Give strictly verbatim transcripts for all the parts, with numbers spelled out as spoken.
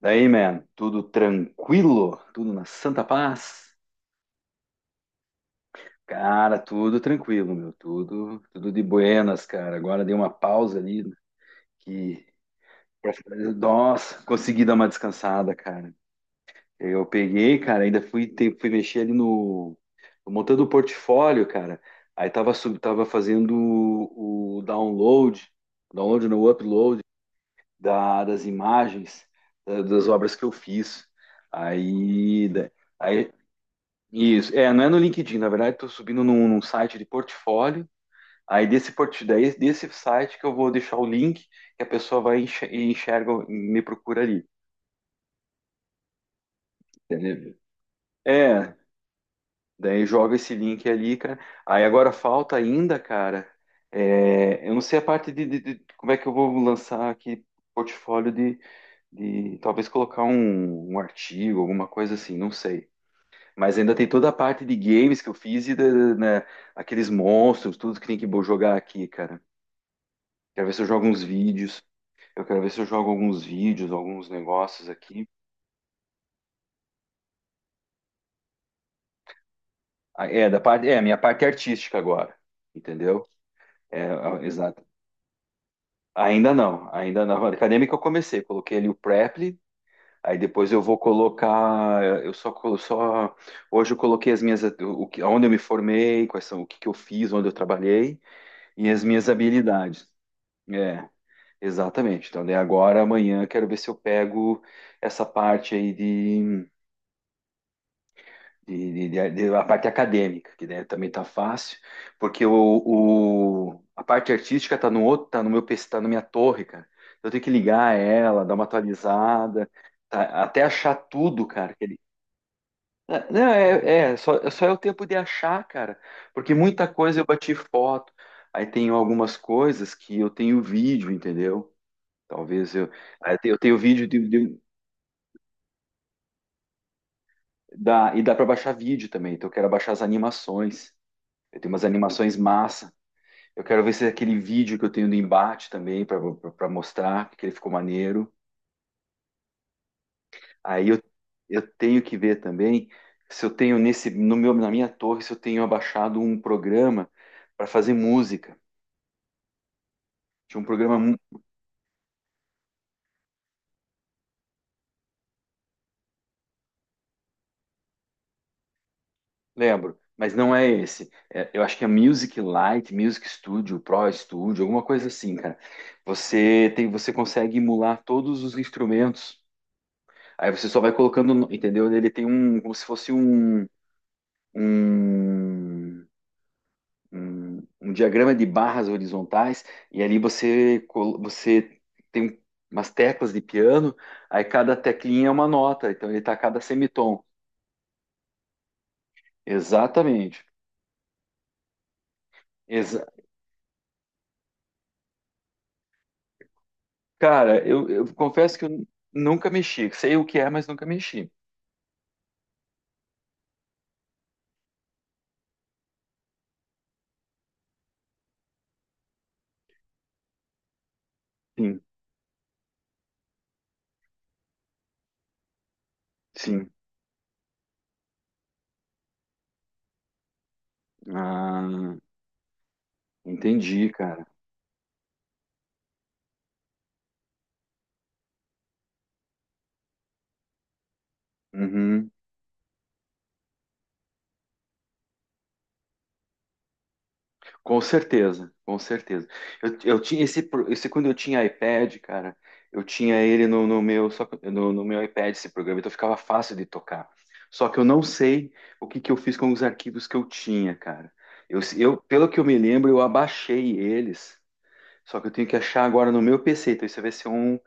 Daí, man, tudo tranquilo? Tudo na santa paz? Cara, tudo tranquilo, meu, tudo, tudo de buenas, cara. Agora dei uma pausa ali que nossa, consegui dar uma descansada, cara. Eu peguei, cara, ainda fui, te- fui mexer ali no montando o portfólio, cara. Aí tava sub, tava fazendo o, o download, download no upload da- das imagens da- das obras que eu fiz. Aí, da- aí Isso, é, não é no LinkedIn, na verdade, estou subindo num, num site de portfólio. Aí desse porti- daí desse site que eu vou deixar o link que a pessoa vai enxer- e enxerga, me procura ali. Entendeu? É, daí joga esse link ali, cara. Aí agora falta ainda, cara. É, eu não sei a parte de, de- de- como é que eu vou lançar aqui portfólio de, de talvez colocar um, um artigo, alguma coisa assim, não sei. Mas ainda tem toda a parte de games que eu fiz e da- né, aqueles monstros, tudo que tem que bo- jogar aqui, cara. Quero ver se eu jogo uns vídeos. Eu quero ver se eu jogo alguns vídeos, alguns negócios aqui. Ah, é, da parte, é, a minha parte artística agora, entendeu? É, é, exato. Ainda não, ainda não. A acadêmica eu comecei, coloquei ali o Preply, aí depois eu vou colocar, eu só, colo- só hoje eu coloquei as minhas, o que, onde eu me formei, quais são, o que que eu fiz, onde eu trabalhei e as minhas habilidades. É. Exatamente. Então, daí agora, amanhã, quero ver se eu pego essa parte aí de, de- de- de- de- a parte acadêmica, que daí também tá fácil, porque o, o- a parte artística tá no outro, tá no meu P C, tá na minha torre, cara. Eu tenho que ligar ela, dar uma atualizada, tá? Até achar tudo, cara. que ele- É, não, é, é, só, só é o tempo de achar, cara, porque muita coisa eu bati foto, aí tenho algumas coisas que eu tenho vídeo, entendeu? Talvez eu. Aí Eu tenho eu tenho vídeo de, de- Dá, e dá para baixar vídeo também. Então eu quero baixar as animações. Eu tenho umas animações massa. Eu quero ver se é aquele vídeo que eu tenho do embate também para mostrar que ele ficou maneiro. Aí eu, eu tenho que ver também se eu tenho nesse no meu na minha torre se eu tenho abaixado um programa para fazer música. Tinha um programa, mu- Lembro, mas não é esse. É, eu acho que é Music Lite, Music Studio, Pro Studio, alguma coisa assim, cara. Você tem, você consegue emular todos os instrumentos. Aí você só vai colocando, no- entendeu? Ele tem um, como se fosse um, um, um, um diagrama de barras horizontais, e ali você, col- você tem umas teclas de piano, aí cada teclinha é uma nota, então ele tá a cada semitom. Exatamente. Exa Cara, eu, eu confesso que eu nunca mexi. Sei o que é, mas nunca mexi. Sim, sim. Ah, entendi, cara. Uhum. Com certeza, com certeza. Eu, eu tinha esse, pro- Esse quando eu tinha iPad, cara, eu tinha ele no, no meu só que- no, no meu iPad esse programa, então ficava fácil de tocar. Só que eu não sei o que que eu fiz com os arquivos que eu tinha, cara. Eu, eu pelo que eu me lembro, eu abaixei eles. Só que eu tenho que achar agora no meu P C. Então isso vai ser um,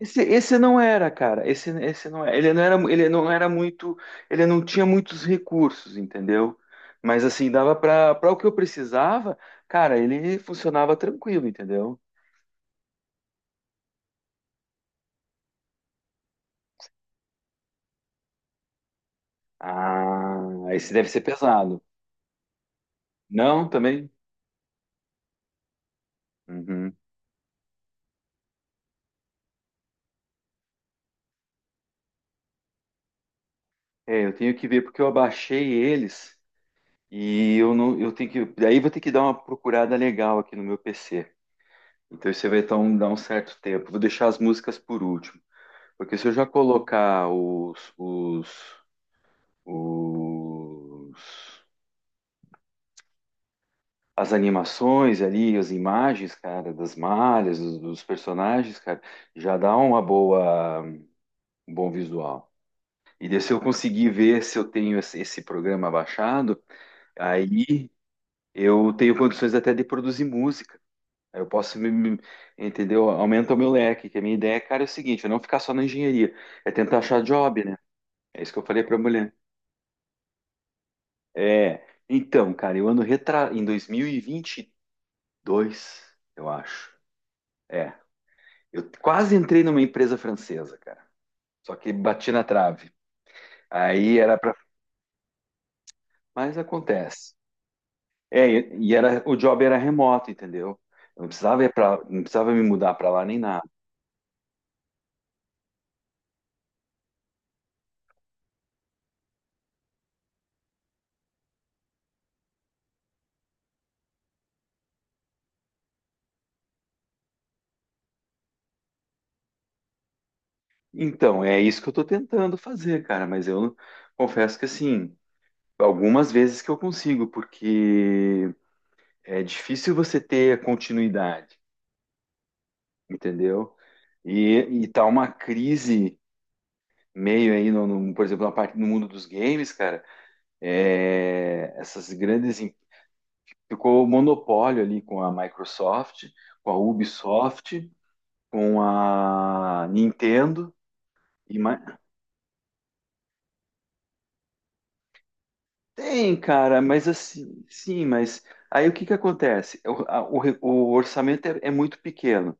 Esse, esse não era, cara. Esse, esse não era. Ele não era, ele não era muito, ele não tinha muitos recursos, entendeu? Mas assim, dava para para o que eu precisava, cara, ele funcionava tranquilo, entendeu? Ah, esse deve ser pesado. Não, também? Uhum. É, eu tenho que ver porque eu abaixei eles e eu não, eu tenho que, daí vou ter que dar uma procurada legal aqui no meu P C. Então isso vai dar um, dar um certo tempo. Vou deixar as músicas por último. Porque se eu já colocar os, os, os- as animações ali, as imagens, cara, das malhas, dos, dos personagens, cara, já dá uma boa, um bom visual. E daí, se eu conseguir ver se eu tenho esse, esse programa baixado, aí eu tenho condições até de produzir música. Aí Eu posso, me, me- Entendeu? Aumenta o meu leque, que a minha ideia, cara, é o seguinte, eu não ficar só na engenharia, é tentar achar job, né? É isso que eu falei pra mulher. É, então, cara, eu ando retra... em dois mil e vinte dois, eu acho. É. Eu quase entrei numa empresa francesa, cara. Só que bati na trave. Aí era para. Mas acontece. É, e e era, o job era remoto, entendeu? Eu não precisava ir pra, não precisava me mudar para lá nem nada. Então, é isso que eu tô tentando fazer, cara, mas eu confesso que assim, algumas vezes que eu consigo, porque é difícil você ter continuidade, entendeu? E, e tá uma crise meio aí, no, no- por exemplo, na parte no mundo dos games, cara, é, essas grandes em- ficou o monopólio ali com a Microsoft, com a Ubisoft, com a Nintendo e ma- tem, cara, mas assim, sim, mas aí o que que acontece? O, a- o re- O orçamento é, é muito pequeno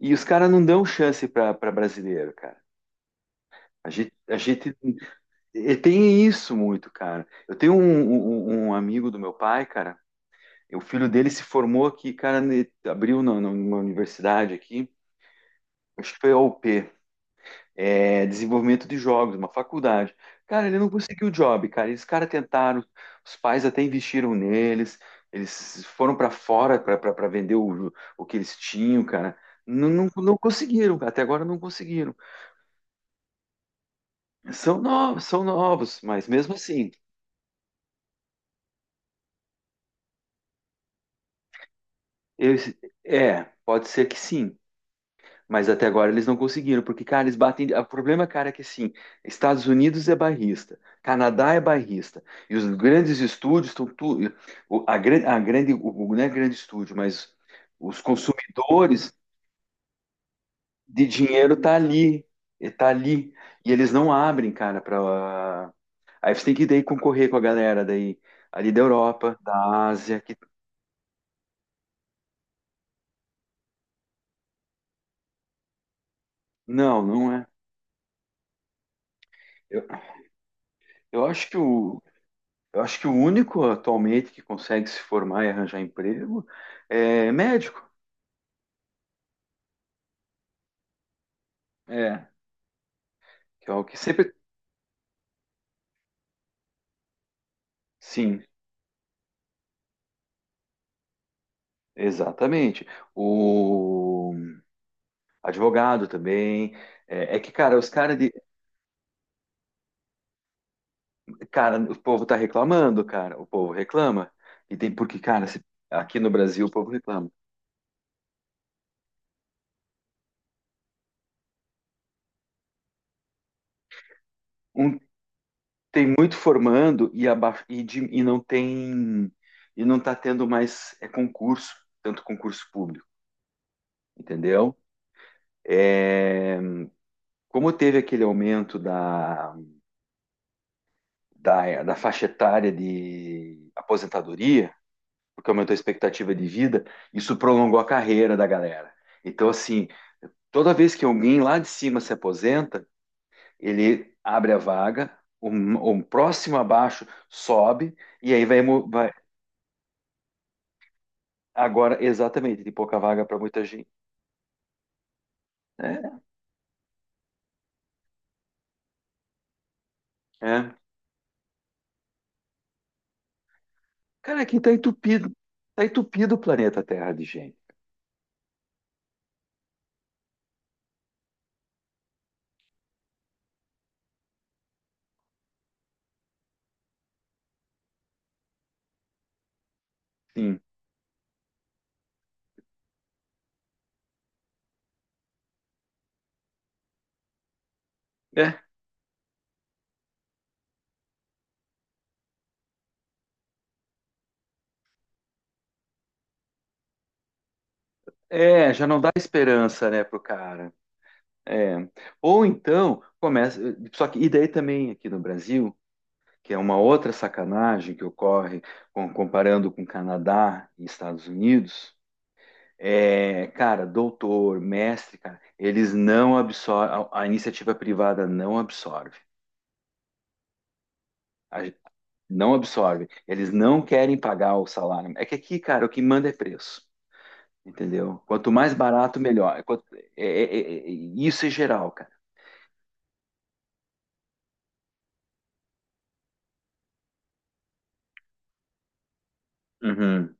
e os caras não dão chance para brasileiro, cara. A gente, a gente E tem isso muito, cara. Eu tenho um, um um um amigo do meu pai, cara. O filho dele se formou aqui, cara, ne- abriu na- na- numa universidade aqui, acho que foi a U P, é, desenvolvimento de jogos, uma faculdade. Cara, ele não conseguiu o job, cara. Esses caras tentaram, os pais até investiram neles, eles foram para fora para vender o, o que eles tinham, cara. Não, não, não conseguiram, até agora não conseguiram. São novos, são novos, mas mesmo assim, eles, é, pode ser que sim. Mas até agora eles não conseguiram, porque, cara, eles batem. O problema, cara, é que assim, Estados Unidos é barrista, Canadá é barrista, e os grandes estúdios estão tudo. A grande, a grande, o, o- Não é grande estúdio, mas os consumidores de dinheiro tá ali, e tá ali. E eles não abrem, cara, para. Aí você tem que daí concorrer com a galera daí, ali da Europa, da Ásia, que. Não, não é. Eu, eu acho que o Eu acho que o único atualmente que consegue se formar e arranjar emprego é médico. É, que é o que sempre. Sim, exatamente. O advogado também. É, é que, cara, os caras de. Cara, o povo tá reclamando, cara. O povo reclama. E tem porque, cara, se- aqui no Brasil o povo reclama. Um, Tem muito formando e, aba... e, de- e não tem. E não tá tendo mais é, concurso, tanto concurso público, entendeu? É. Como teve aquele aumento da, da, da faixa etária de aposentadoria, porque aumentou a expectativa de vida, isso prolongou a carreira da galera. Então, assim, toda vez que alguém lá de cima se aposenta, ele abre a vaga, um, um próximo abaixo sobe, e aí vai, vai- Agora, exatamente, tem pouca vaga para muita gente. É, é. Cara, aqui tá entupido. Tá entupido o planeta Terra de gente. Sim. É, é, já não dá esperança, né, pro cara. É. Ou então começa. Só que, e daí também aqui no Brasil, que é uma outra sacanagem que ocorre com- comparando com Canadá e Estados Unidos, é, cara, doutor, mestre, cara, eles não absorvem, a, a iniciativa privada não absorve. A- não absorve. Eles não querem pagar o salário. É que aqui, cara, o que manda é preço. Entendeu? Quanto mais barato, melhor. É Quanto- é- é- é- é- isso é geral, cara. Uhum.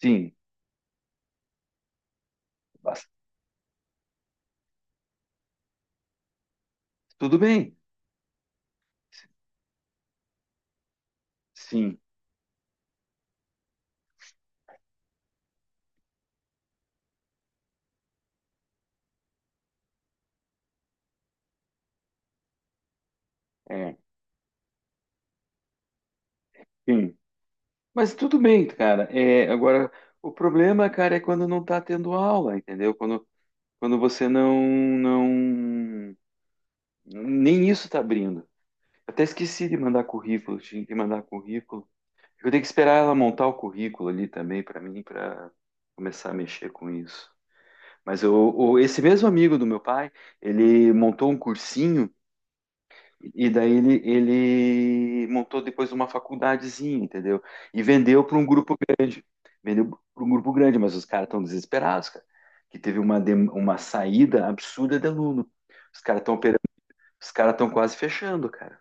Sim, bas- tudo bem. Sim, é, sim. Mas tudo bem, cara. É, agora, o problema, cara, é quando não tá tendo aula, entendeu? Quando, quando você não, não, nem isso tá abrindo. Até esqueci de mandar currículo, tinha que mandar currículo. Eu tenho que esperar ela montar o currículo ali também para mim, para começar a mexer com isso. Mas eu, o- esse mesmo amigo do meu pai, ele montou um cursinho. E daí ele, ele montou depois uma faculdadezinha, entendeu? E vendeu para um grupo grande. Vendeu para um grupo grande, mas os caras estão desesperados, cara. Que teve uma, dem- uma saída absurda de aluno. Os caras estão operando, os caras estão quase fechando, cara.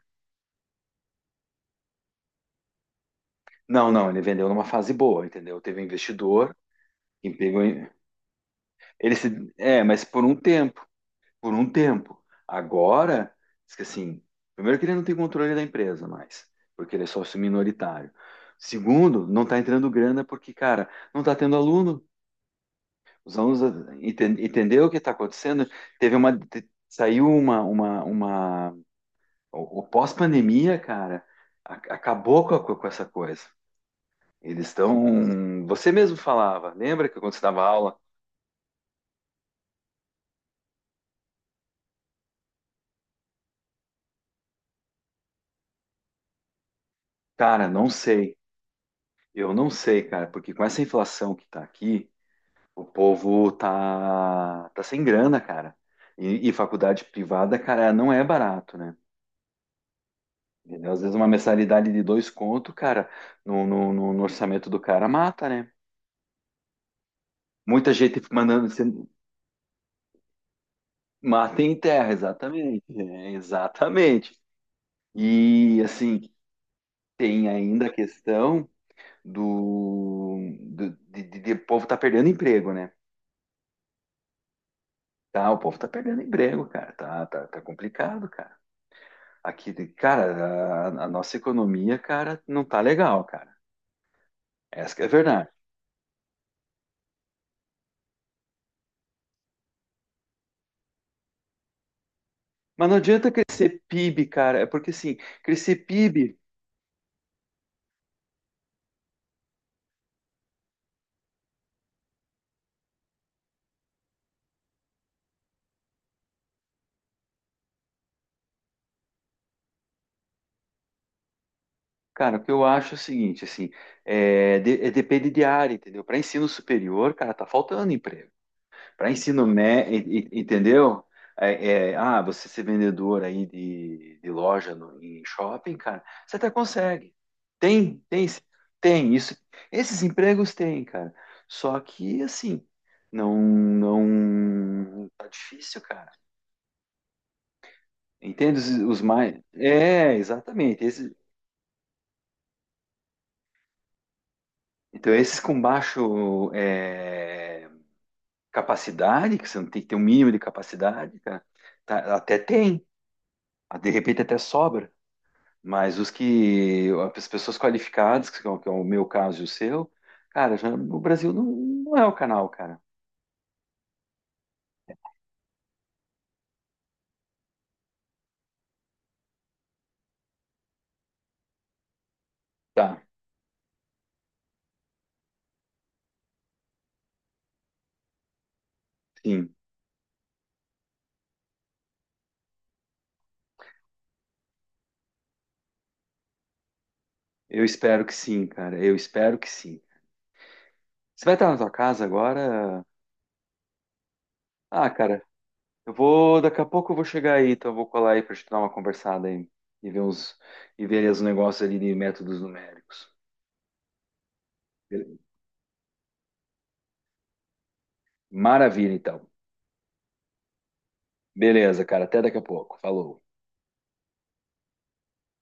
Não, não, ele vendeu numa fase boa, entendeu? Teve um investidor, que pegou. em- Ele se, é, mas por um tempo. Por um tempo. Agora, diz que assim, primeiro que ele não tem controle da empresa mais, porque ele é sócio minoritário. Segundo, não está entrando grana porque, cara, não está tendo aluno. Os alunos ah, enten- entendeu o que está acontecendo? Teve uma te- saiu uma uma, uma o, o pós-pandemia, cara, a- acabou com, a co- com essa coisa. Eles estão, você mesmo falava, lembra que quando você dava aula, cara, não sei. Eu não sei, cara, porque com essa inflação que está aqui, o povo tá, tá sem grana, cara. E, e faculdade privada, cara, não é barato, né? Entendeu? Às vezes uma mensalidade de dois conto, cara, no, no, no- no orçamento do cara mata, né? Muita gente mandando você mata em terra, exatamente. É, exatamente. E assim, tem ainda a questão do, do de, de- de o povo tá perdendo emprego, né? Tá, o povo tá perdendo emprego, cara. Tá, tá, tá complicado, cara. Aqui, cara, a, a nossa economia, cara, não tá legal, cara. Essa que é a verdade. Mas não adianta crescer P I B, cara. É porque, assim, crescer P I B, cara, o que eu acho é o seguinte, assim, é, de- é depende de área, entendeu? Para ensino superior, cara, tá faltando emprego. Para ensino médio, entendeu? É, é, ah, você ser vendedor aí de, de loja no, em shopping, cara, você até consegue. Tem, tem, esse- Tem isso. Esses empregos tem, cara. Só que assim, não, não tá difícil, cara. Entende os, os mais? É, exatamente. Esse- então esses com baixo é, capacidade, que você não tem que ter um mínimo de capacidade, cara, tá- até tem. De repente até sobra. Mas os que, as pessoas qualificadas, que é o que é o meu caso e o seu, cara, já, o Brasil não, não é o canal, cara. Tá, sim. Eu espero que sim, cara. Eu espero que sim. Você vai estar na tua casa agora? Ah, cara, eu vou. Daqui a pouco eu vou chegar aí, então eu vou colar aí pra gente dar uma conversada aí e ver uns e ver os negócios ali de métodos numéricos. Bele- Maravilha, então. Beleza, cara. Até daqui a pouco. Falou.